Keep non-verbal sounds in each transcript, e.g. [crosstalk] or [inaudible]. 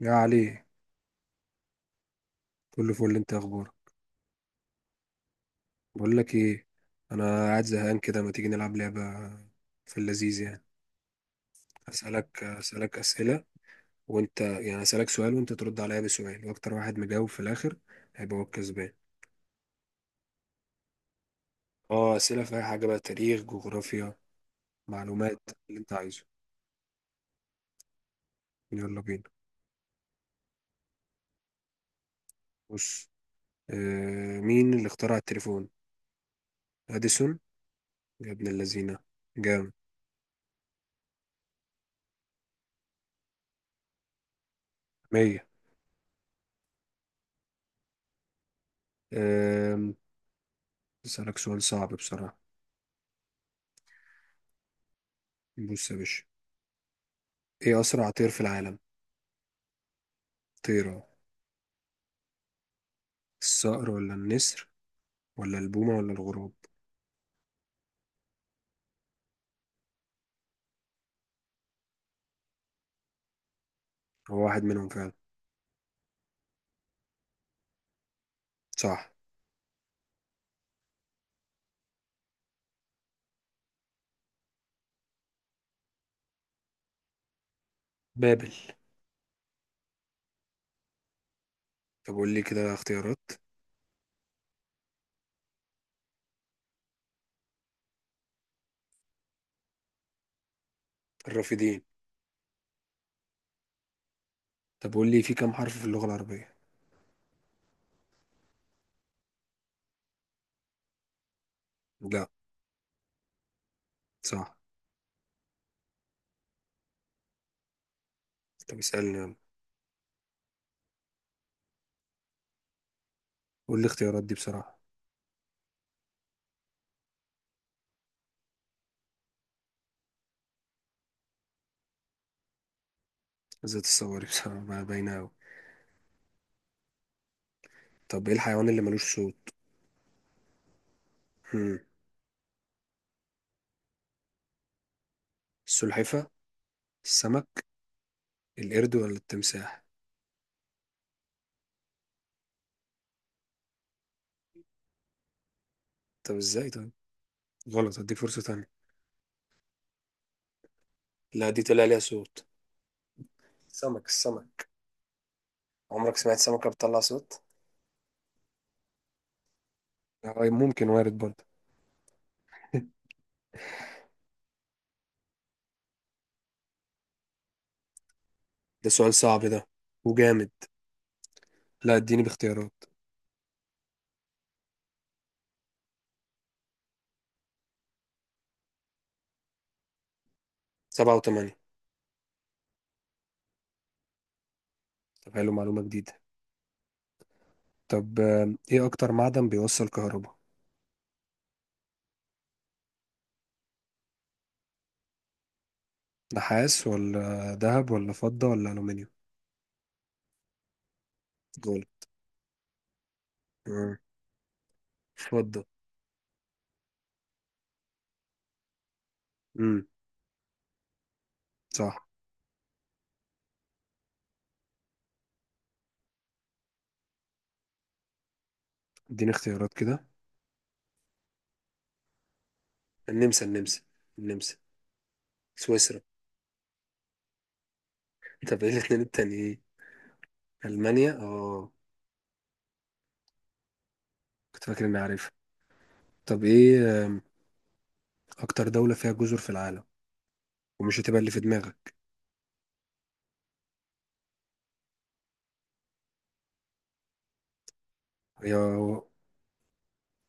يا علي، كله فل. انت إيه اخبارك؟ بقول لك ايه، انا قاعد زهقان كده، ما تيجي نلعب لعبه؟ في اللذيذ يعني اسالك اسئله، وانت يعني اسالك سؤال وانت ترد عليا بسؤال، واكتر واحد مجاوب في الاخر هيبقى هو الكسبان. اه، اسئله في اي حاجه بقى، تاريخ، جغرافيا، معلومات اللي انت عارفه. يلا بينا. بص، مين اللي اخترع التليفون؟ اديسون؟ يا ابن اللذينه، جامد. مية. آه اسالك سؤال صعب بصراحه. بص يا باشا، ايه اسرع طير في العالم؟ طيره، الصقر ولا النسر ولا البومة ولا الغراب؟ هو واحد منهم فعلا. صح. بابل. طب قول لي كده اختيارات. الرافدين. طب قول لي، في كام حرف في اللغة العربية؟ لا. طب اسألني يلا. قول لي اختيارات دي بصراحة. ذات الصواري [laughs] بصراحة بقى باينة أوي. طب ايه الحيوان اللي ملوش صوت؟ السلحفة، السمك، القرد ولا التمساح؟ طب ازاي طيب؟ غلط، هديك فرصة تانية. لا، دي طلع ليها صوت. سمك السمك. عمرك سمعت سمكة بتطلع صوت؟ آه، ممكن وارد برضه. [laughs] ده سؤال صعب ده، وجامد. لا، اديني باختيارات. 7 و8. طب حلو، معلومة جديدة. طب ايه أكتر معدن بيوصل كهرباء؟ نحاس ولا ذهب ولا فضة ولا ألومنيوم؟ جول. فضة. امم. اديني اختيارات كده. النمسا، النمسا. سويسرا. طب ايه الاتنين التانيين ايه؟ ألمانيا، اه. كنت فاكر إني عارفها. طب ايه، آه، أكتر دولة فيها جزر في العالم، ومش هتبقى اللي في دماغك؟ هي،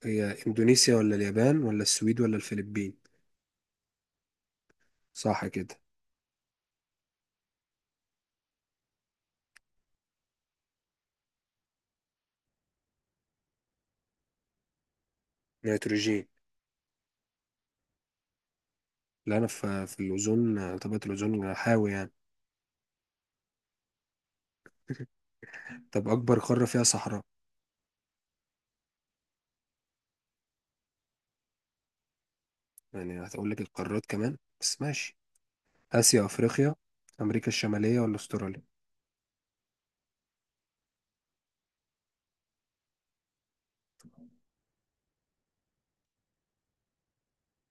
هي إندونيسيا ولا اليابان ولا السويد ولا الفلبين؟ صح كده. نيتروجين. لا، أنا في الأوزون، طبقة الأوزون حاوي يعني. طب أكبر قارة فيها صحراء؟ يعني هتقول لك القارات كمان، بس ماشي. آسيا، أفريقيا، أمريكا الشمالية ولا أستراليا؟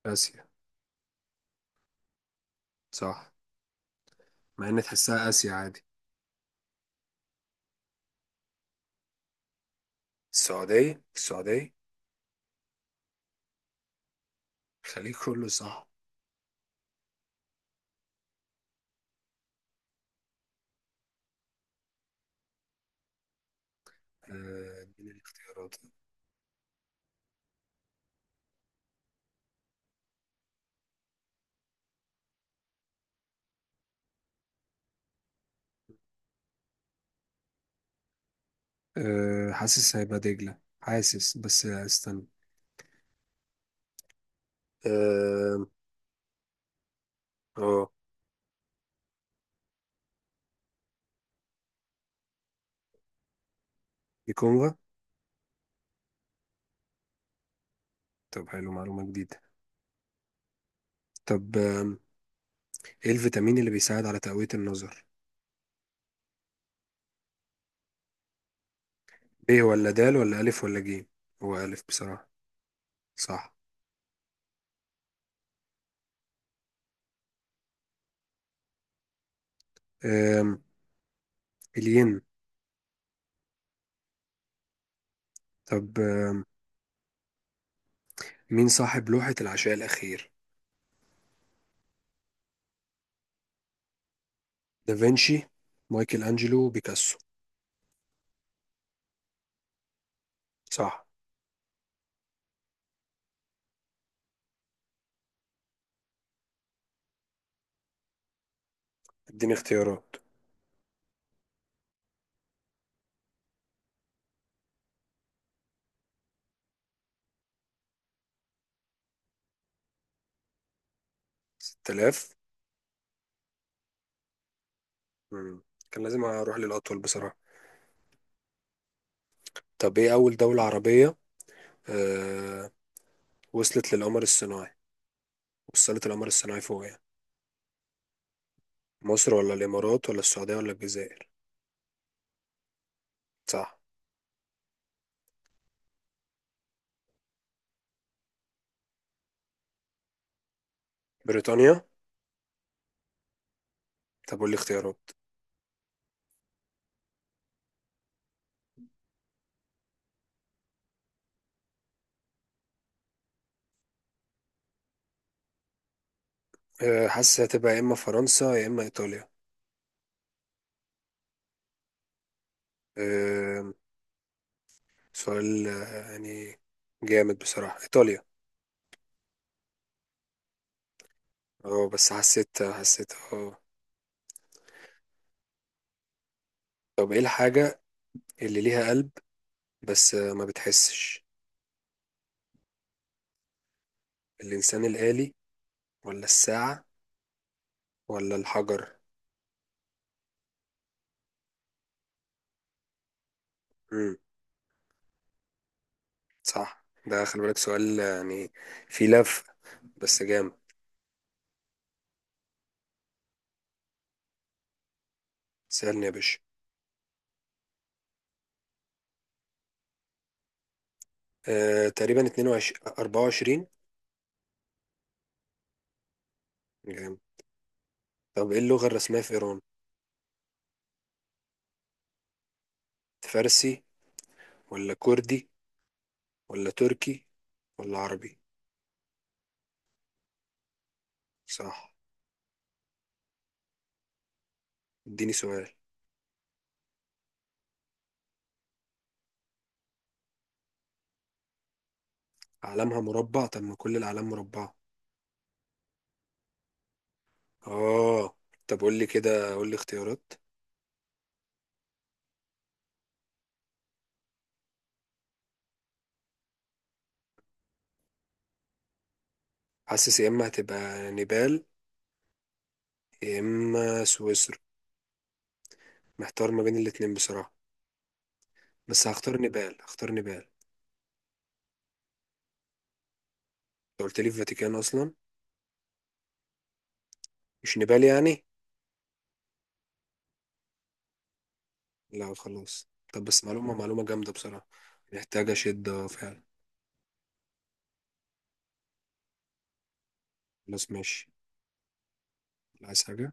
آسيا. صح، مع إن تحسها آسيا عادي. السعودية، السعودية. إيه، كله صح. أه. أه، حاسس هيبقى دجلة، حاسس، بس استنى. أه. أه. الكونغو. طب حلو، معلومة جديدة. طب إيه الفيتامين اللي بيساعد على تقوية النظر؟ ب ولا د ولا ألف ولا ج؟ هو ألف بصراحة. أم، الين. طب مين صاحب لوحة العشاء الأخير؟ دافنشي، مايكل أنجلو، بيكاسو. صح. اديني اختيارات. 6000. مم. كان لازم أروح للأطول بصراحة. طب إيه أول دولة عربية آه... وصلت للقمر الصناعي، وصلت القمر الصناعي فوق يعني؟ مصر ولا الإمارات ولا السعودية ولا الجزائر؟ صح. بريطانيا. طب قول لي اختيارات. حاسس هتبقى يا إما فرنسا يا إما إيطاليا. آه... سؤال يعني جامد بصراحة. إيطاليا. اه بس اه. طب ايه الحاجة اللي ليها قلب بس ما بتحسش؟ الإنسان الآلي ولا الساعة ولا الحجر؟ امم. صح. ده خلي بالك، سؤال يعني فيه لف، بس جامد. سألني يا باشا. تقريبا 22، 24. طب ايه اللغة الرسمية في إيران؟ فارسي ولا كردي ولا تركي ولا عربي؟ صح. اديني سؤال. علمها مربع؟ طب ما كل الأعلام مربعة. اه. طب قول لي كده، قول لي. حاسس يا اما هتبقى نيبال يا اما سويسرا، محتار ما بين الاتنين بصراحة. بس هختار نيبال، هختار نيبال انت. قلت لي الفاتيكان اصلا؟ مش نيبال يعني؟ لا خلاص، طب بس معلومة، معلومة جامدة. محتاجة شدة فعلا. خلاص ماشي. عايز حاجة؟